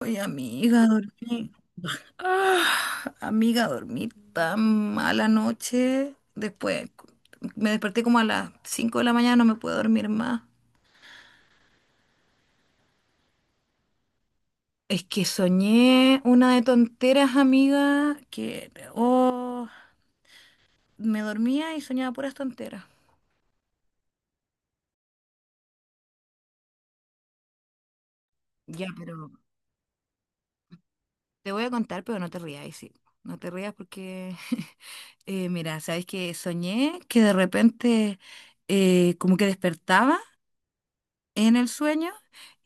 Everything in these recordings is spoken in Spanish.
Ay, amiga, dormí. Ah, amiga, dormí tan mala noche. Después me desperté como a las 5 de la mañana, no me puedo dormir más. Es que soñé una de tonteras, amiga, que oh, me dormía y soñaba puras tonteras. Ya, pero te voy a contar, pero no te rías, sí. No te rías porque, mira, sabes que soñé que de repente como que despertaba en el sueño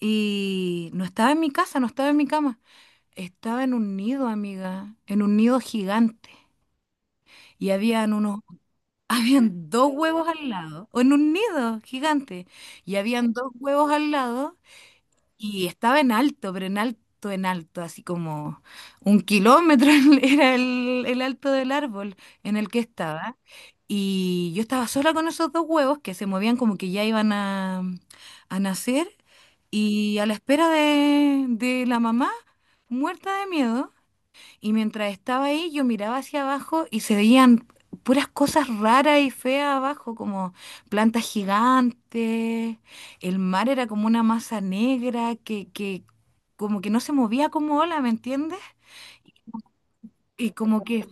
y no estaba en mi casa, no estaba en mi cama. Estaba en un nido, amiga, en un nido gigante. Y habían unos, habían dos huevos al lado, o en un nido gigante. Y habían dos huevos al lado y estaba en alto, pero en alto, así como 1 km era el alto del árbol en el que estaba. Y yo estaba sola con esos dos huevos que se movían como que ya iban a nacer. Y a la espera de la mamá, muerta de miedo, y mientras estaba ahí, yo miraba hacia abajo y se veían puras cosas raras y feas abajo, como plantas gigantes. El mar era como una masa negra que como que no se movía como ola, ¿me entiendes? Y como que,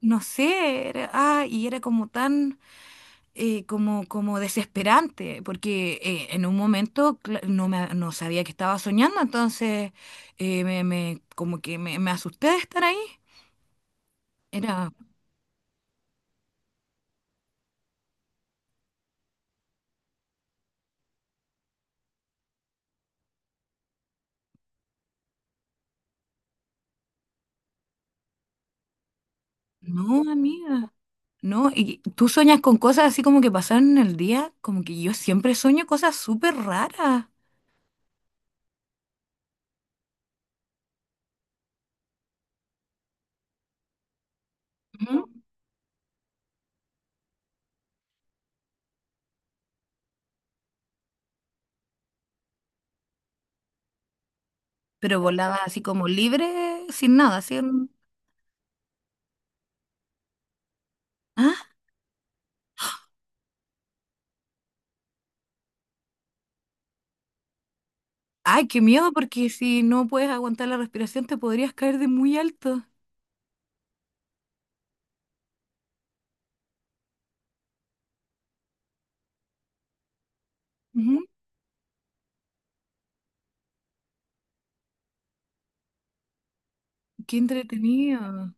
no sé, y era como tan, como, como desesperante, porque en un momento no, no sabía que estaba soñando, entonces como que me asusté de estar ahí. Era. No, amiga, no. Y tú sueñas con cosas así como que pasaron en el día, como que yo siempre sueño cosas súper raras. Ujú. Pero volaba así como libre, sin nada, sin... Ah, ay, qué miedo, porque si no puedes aguantar la respiración te podrías caer de muy alto. Ujú. Qué entretenido.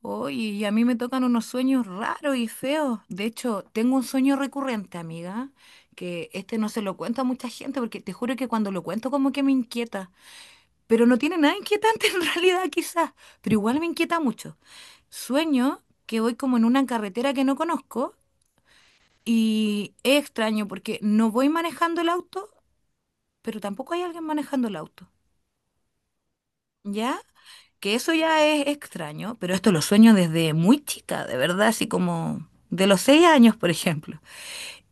Oye, y a mí me tocan unos sueños raros y feos. De hecho, tengo un sueño recurrente, amiga, que este no se lo cuento a mucha gente, porque te juro que cuando lo cuento como que me inquieta. Pero no tiene nada inquietante en realidad quizás, pero igual me inquieta mucho. Sueño que voy como en una carretera que no conozco y es extraño porque no voy manejando el auto, pero tampoco hay alguien manejando el auto, ¿ya? Que eso ya es extraño, pero esto lo sueño desde muy chica, de verdad, así como de los 6 años, por ejemplo.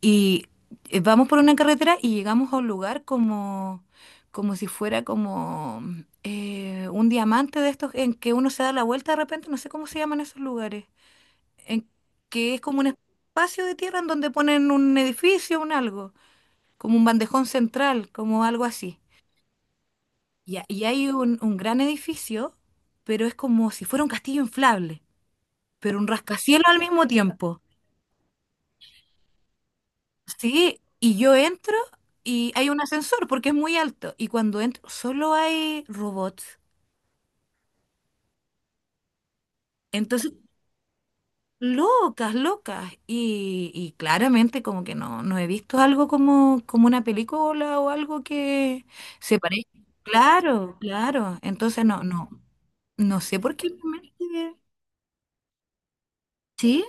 Y vamos por una carretera y llegamos a un lugar como, como si fuera como un diamante de estos en que uno se da la vuelta de repente, no sé cómo se llaman esos lugares, en que es como un espacio de tierra en donde ponen un edificio, un algo, como un bandejón central, como algo así. Y, y hay un gran edificio, pero es como si fuera un castillo inflable, pero un rascacielos al mismo tiempo. Sí, y yo entro y hay un ascensor porque es muy alto. Y cuando entro, solo hay robots. Entonces, locas, locas. Y claramente como que no, no he visto algo como, como una película o algo que se parezca. Claro, claro. Entonces no, no, no sé por qué. Realmente. Sí.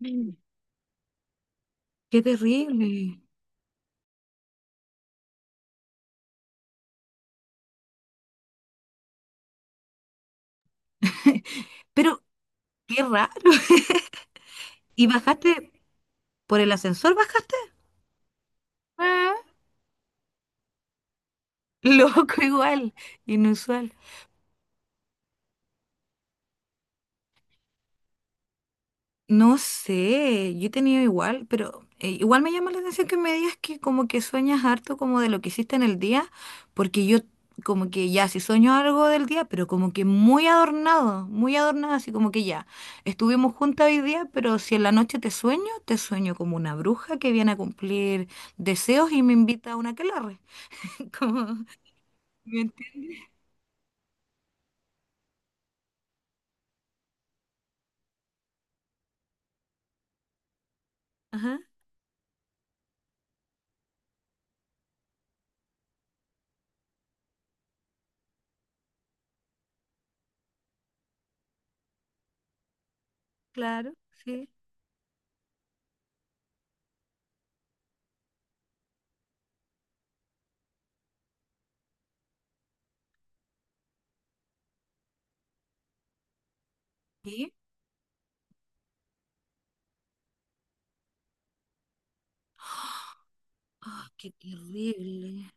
Mm. Qué terrible. Pero qué raro. ¿Y bajaste por el ascensor? ¿Bajaste? Loco igual, inusual. No sé, yo he tenido igual, pero igual me llama la atención que me digas que como que sueñas harto como de lo que hiciste en el día, porque yo como que ya si sueño algo del día, pero como que muy adornado, así como que ya, estuvimos juntas hoy día, pero si en la noche te sueño como una bruja que viene a cumplir deseos y me invita a una aquelarre. Como, ¿me entiendes? Ajá, claro, sí. ¿Sí? Ah, qué terrible.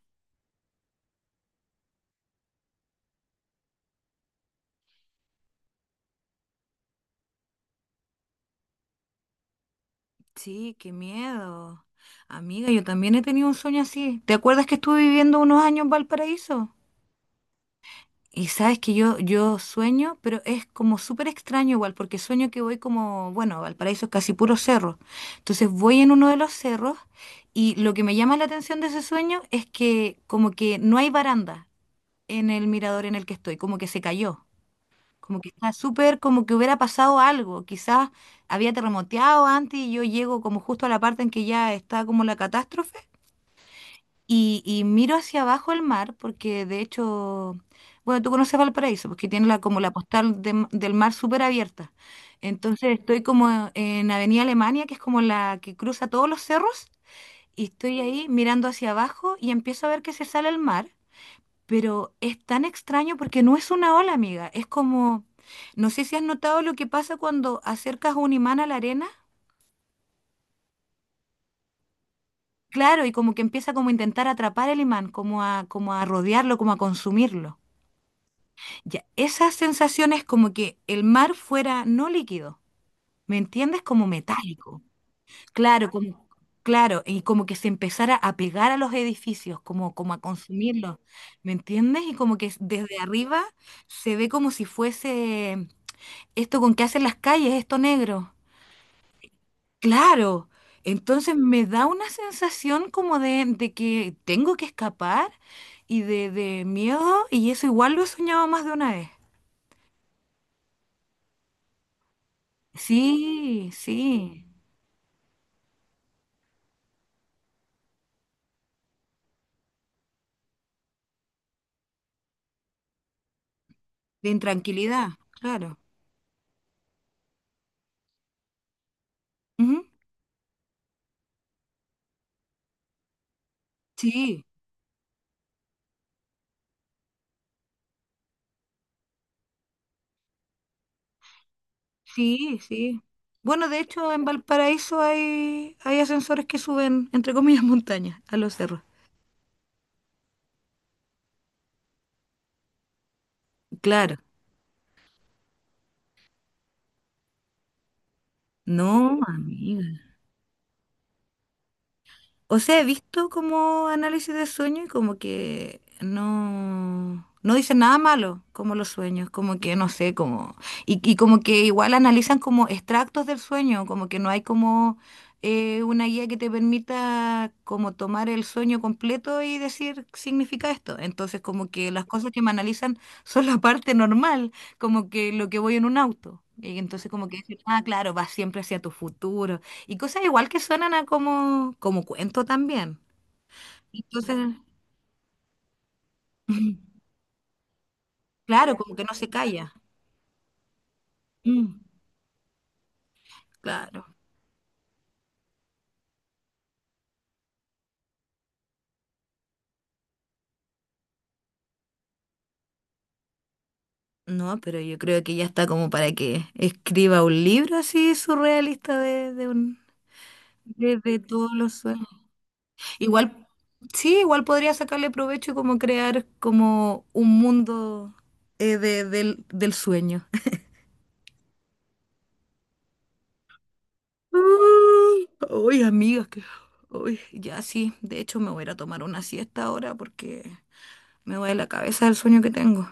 Sí, qué miedo. Amiga, yo también he tenido un sueño así. ¿Te acuerdas que estuve viviendo unos años en Valparaíso? Y sabes que yo sueño, pero es como súper extraño igual, porque sueño que voy como, bueno, Valparaíso es casi puro cerro. Entonces voy en uno de los cerros y lo que me llama la atención de ese sueño es que como que no hay baranda en el mirador en el que estoy, como que se cayó. Como que está súper, como que hubiera pasado algo. Quizás había terremoteado antes y yo llego como justo a la parte en que ya está como la catástrofe. Y miro hacia abajo el mar, porque de hecho, bueno, tú conoces Valparaíso, porque tiene la, como la postal de del mar súper abierta. Entonces estoy como en Avenida Alemania, que es como la que cruza todos los cerros, y estoy ahí mirando hacia abajo y empiezo a ver que se sale el mar. Pero es tan extraño porque no es una ola, amiga. Es como, no sé si has notado lo que pasa cuando acercas un imán a la arena. Claro, y como que empieza como a intentar atrapar el imán, como a, como a rodearlo, como a consumirlo. Ya, esas sensaciones como que el mar fuera no líquido, ¿me entiendes? Como metálico. Claro, como, claro, y como que se empezara a pegar a los edificios, como, como a consumirlos, ¿me entiendes? Y como que desde arriba se ve como si fuese esto con qué hacen las calles, esto negro. Claro. Entonces me da una sensación como de que tengo que escapar y de miedo, y eso igual lo he soñado más de una vez. Sí, sí. De intranquilidad, claro. Ujú. Sí, sí, sí. Bueno, de hecho, en Valparaíso hay, hay ascensores que suben, entre comillas, montañas a los cerros. Claro. No, amiga. O sea, he visto como análisis de sueño y como que no, no dicen nada malo, como los sueños, como que no sé, como, y como que igual analizan como extractos del sueño, como que no hay como una guía que te permita como tomar el sueño completo y decir significa esto. Entonces, como que las cosas que me analizan son la parte normal, como que lo que voy en un auto. Y entonces como que dicen, ah, claro, vas siempre hacia tu futuro y cosas igual que suenan a como, como cuento también. Entonces, claro, como que no se calla. Mm, claro. No, pero yo creo que ya está como para que escriba un libro así surrealista de un, de todos los sueños. Igual, sí, igual podría sacarle provecho y como crear como un mundo del sueño. Uy, amigas, que... Uy, ya sí. De hecho, me voy a ir a tomar una siesta ahora porque me duele la cabeza del sueño que tengo.